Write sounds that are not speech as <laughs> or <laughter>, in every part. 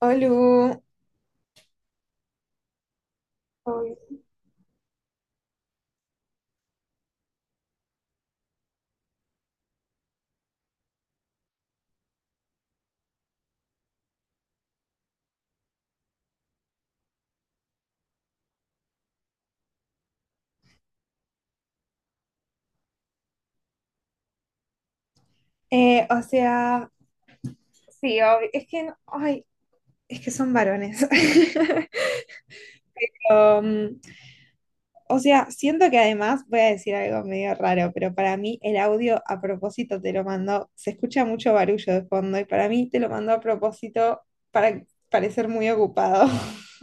Olu, obvio. eh, o sea, sí, es que, ay, es que son varones. <laughs> Um, o sea, siento que además voy a decir algo medio raro, pero para mí el audio a propósito te lo mandó, se escucha mucho barullo de fondo y para mí te lo mandó a propósito para parecer muy ocupado. <laughs>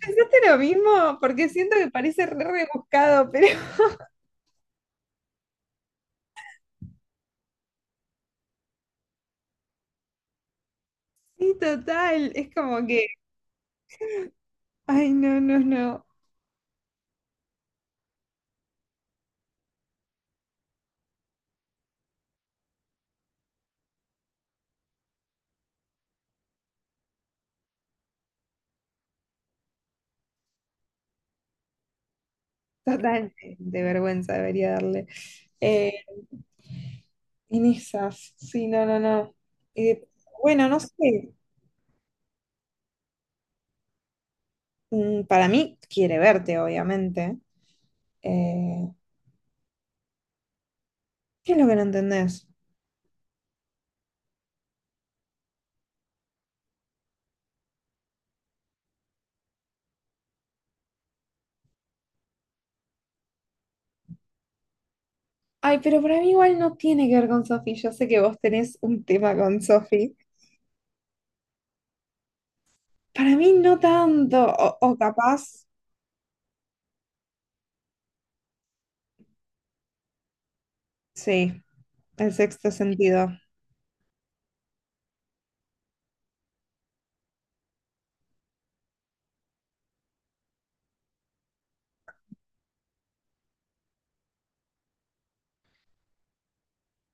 ¿Pensaste lo mismo? Porque siento que parece re rebuscado, pero <laughs> sí, total, es como que, ay, no, no, no, total, de vergüenza debería darle. Eh, En esas, sí, no, no, no. Eh, bueno, no sé. Mm, para mí quiere verte, obviamente. Eh, ¿qué es lo que no entendés? Ay, pero para mí igual no tiene que ver con Sofi. Yo sé que vos tenés un tema con Sofi. Para mí no tanto. O capaz, sí, el sexto sentido.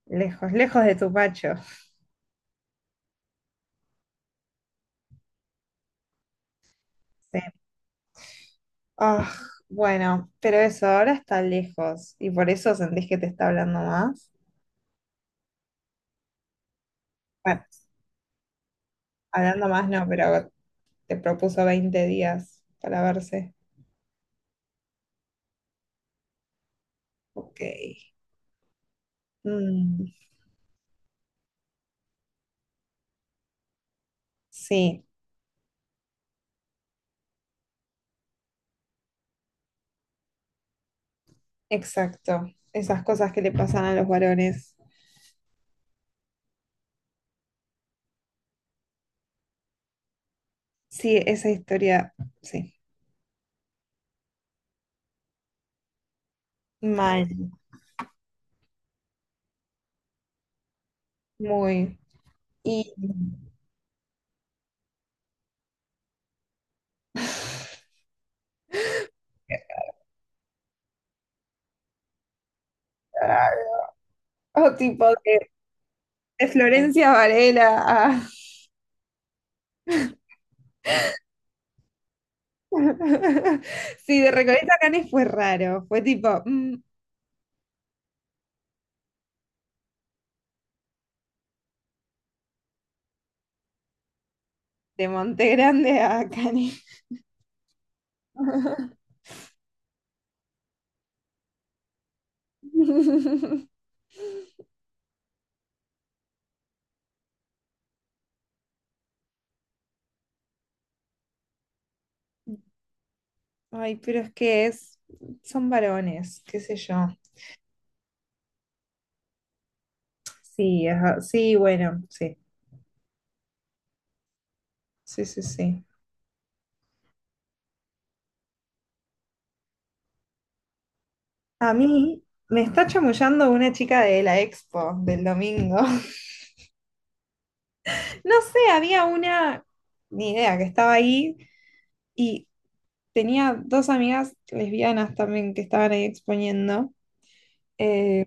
Lejos, lejos de tu pacho. Sí. Ah, bueno, pero eso ahora está lejos. ¿Y por eso sentís que te está hablando más? Bueno, hablando más no, pero te propuso 20 días para verse. Ok. Mm, sí, exacto. Esas cosas que le pasan a los varones. Sí, esa historia, sí. Mal, muy. Y <sighs> o tipo de Florencia Varela a- <laughs> sí, de Recoleta a Canes fue raro. Fue tipo mm, de Monte Grande a Canes. <laughs> Ay, pero son varones, qué sé yo. Sí, ajá, sí, bueno, sí, sí, sí, sí. A mí me está chamullando una chica de la expo del domingo. <laughs> No sé, había una, ni idea, que estaba ahí y tenía dos amigas lesbianas también que estaban ahí exponiendo. Eh,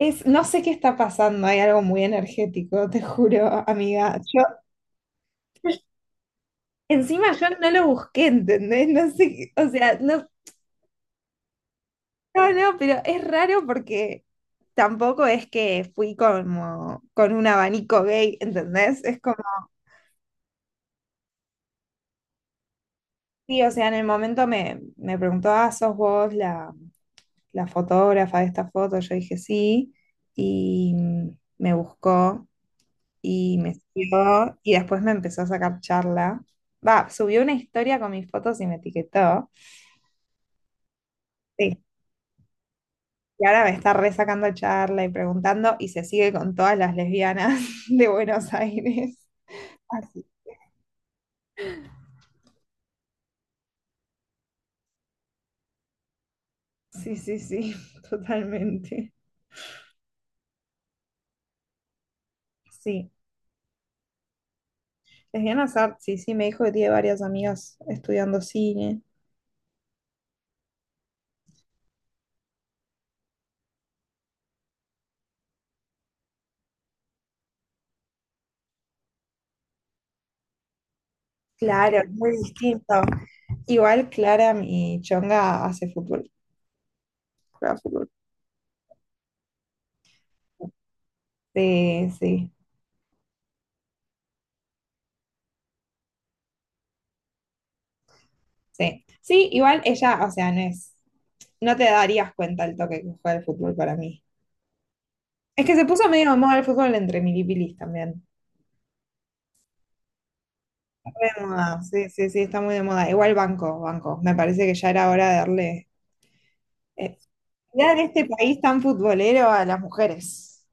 es, no sé qué está pasando, hay algo muy energético, te juro, amiga. Yo <laughs> encima yo no lo busqué, ¿entendés? No sé, o sea, no, no, no, pero es raro porque tampoco es que fui como con un abanico gay, ¿entendés? Es como, sí, o sea, en el momento me preguntó, ah, ¿sos vos la fotógrafa de esta foto? Yo dije sí, y me buscó y me siguió, y después me empezó a sacar charla. Va, subió una historia con mis fotos y me etiquetó. Sí. Y ahora me está resacando charla y preguntando, y se sigue con todas las lesbianas <laughs> de Buenos Aires. Sí, sí, sí, <laughs> totalmente. Sí. Lesbiana Sart, sí, sí, me dijo que tiene varias amigas estudiando cine. Claro, es muy distinto. Igual Clara, mi chonga, hace fútbol. Juega fútbol. Sí, sí, sí. Sí, igual ella, o sea, no es. No te darías cuenta el toque que juega el fútbol para mí. Es que se puso medio de moda el fútbol entre milipilis también. De moda, sí, sí, sí, está muy de moda. Igual banco, banco. Me parece que ya era hora de darle Eh, ya en este país tan futbolero a las mujeres.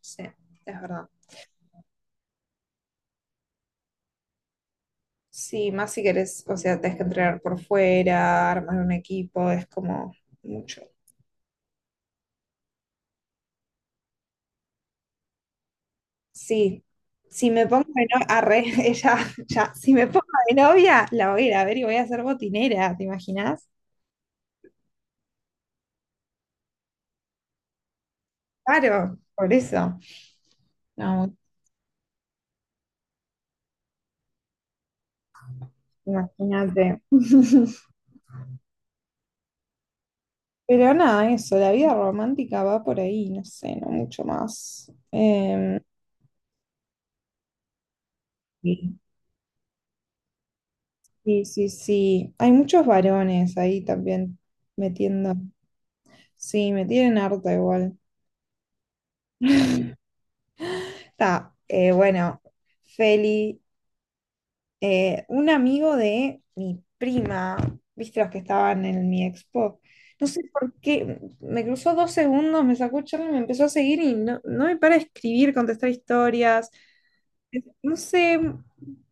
Sí, es verdad. Sí, más si querés, o sea, tenés que entrenar por fuera, armar un equipo, es como mucho. Sí, si me pongo de novia, arre, <laughs> ella, ya, si me pongo de novia, la voy a ir a ver y voy a ser botinera, ¿te imaginas? Claro, por eso. No, imagínate. <laughs> Pero nada, eso, la vida romántica va por ahí, no sé, no mucho más. Em, sí. Sí, sí, sí. Hay muchos varones ahí también metiendo. Sí, me tienen harta igual. Está, bueno, Feli, un amigo de mi prima, viste los que estaban en mi expo. No sé por qué, me cruzó dos segundos, me sacó charla y me empezó a seguir y no, no me para de escribir, contestar historias. No sé,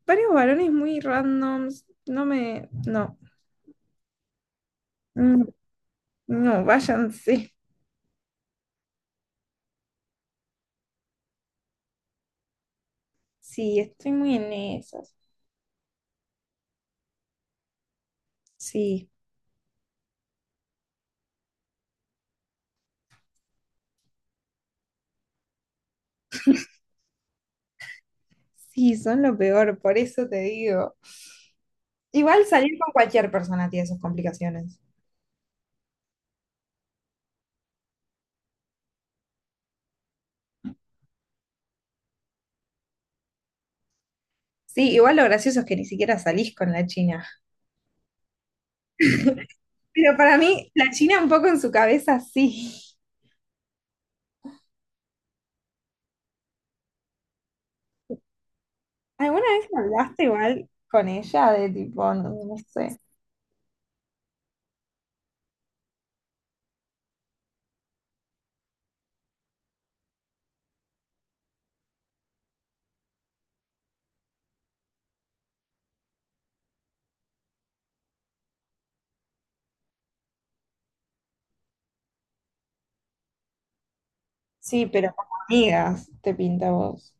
varios varones muy randoms. No me. No. Mm, no, váyanse. Sí, estoy muy en eso. Sí, sí, son lo peor, por eso te digo. Igual salir con cualquier persona tiene sus complicaciones. Sí, igual lo gracioso es que ni siquiera salís con la China. Pero para mí, la China un poco en su cabeza sí. ¿Alguna vez hablaste igual con ella de tipo, no, no sé? Sí, pero como amigas, te pinta a vos.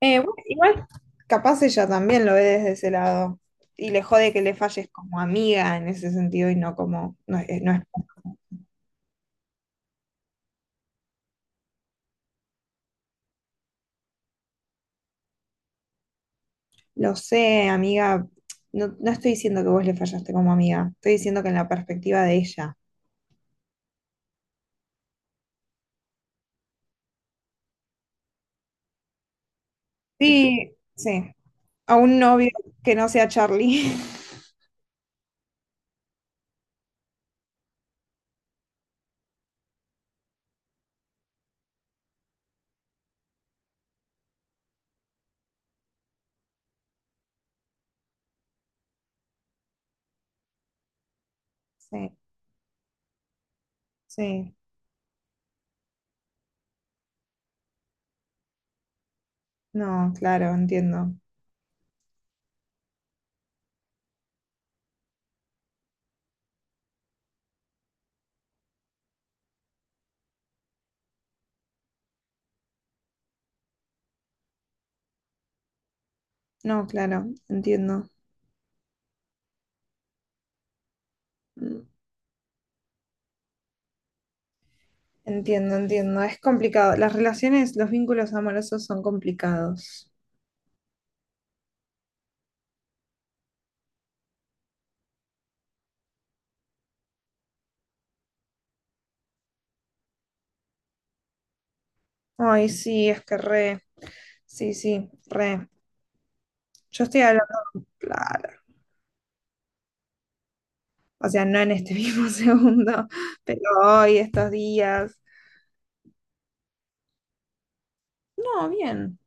Bueno, igual, capaz ella también lo ve desde ese lado. Y le jode que le falles como amiga en ese sentido y no como, no, es no es lo sé, amiga, no, no estoy diciendo que vos le fallaste como amiga, estoy diciendo que en la perspectiva de ella. Sí, sí, a un novio que no sea Charlie. <laughs> Sí, sí, no, claro, entiendo. No, claro, entiendo. Mm, entiendo, entiendo. Es complicado. Las relaciones, los vínculos amorosos son complicados. Ay, sí, es que re, sí, sí, re. Yo estoy hablando, claro, o sea, no en este <laughs> mismo segundo, pero hoy, estos días. No, bien,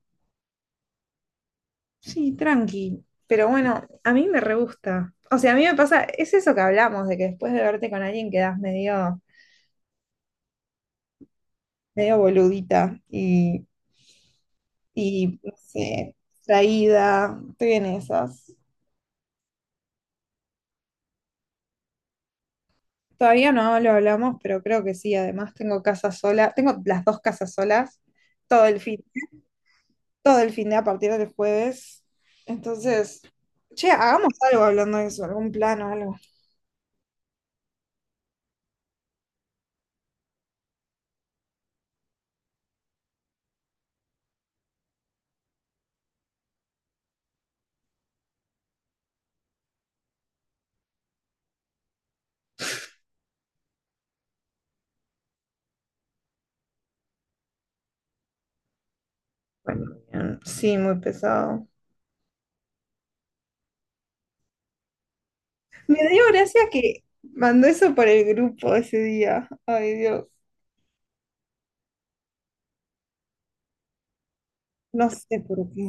sí, tranqui. Pero bueno, a mí me re gusta. O sea, a mí me pasa, es eso que hablamos, de que después de verte con alguien quedás medio, medio boludita y, no sé, traída. Estoy en esas. Todavía no lo hablamos, pero creo que sí. Además, tengo casa sola, tengo las dos casas solas todo el fin, todo el fin de a partir del jueves. Entonces, che, hagamos algo hablando de eso, algún plan o algo. Bueno, bien. Sí, muy pesado. Me dio gracia que mandó eso por el grupo ese día. Ay, Dios. No sé por qué.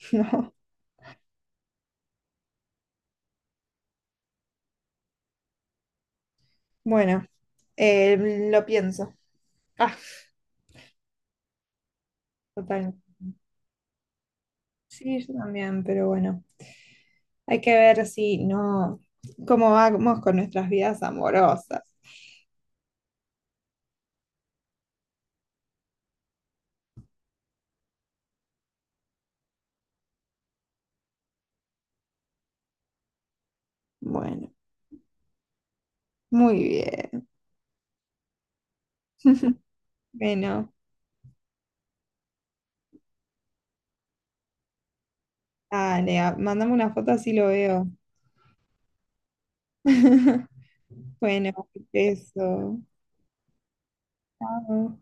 <laughs> No. Bueno, lo pienso. Ah, total. Sí, yo también, pero bueno. Hay que ver si no, cómo vamos con nuestras vidas amorosas. Bueno, muy bien. <laughs> Bueno, dale, mandame una foto así lo veo. <laughs> Bueno, beso. Chao.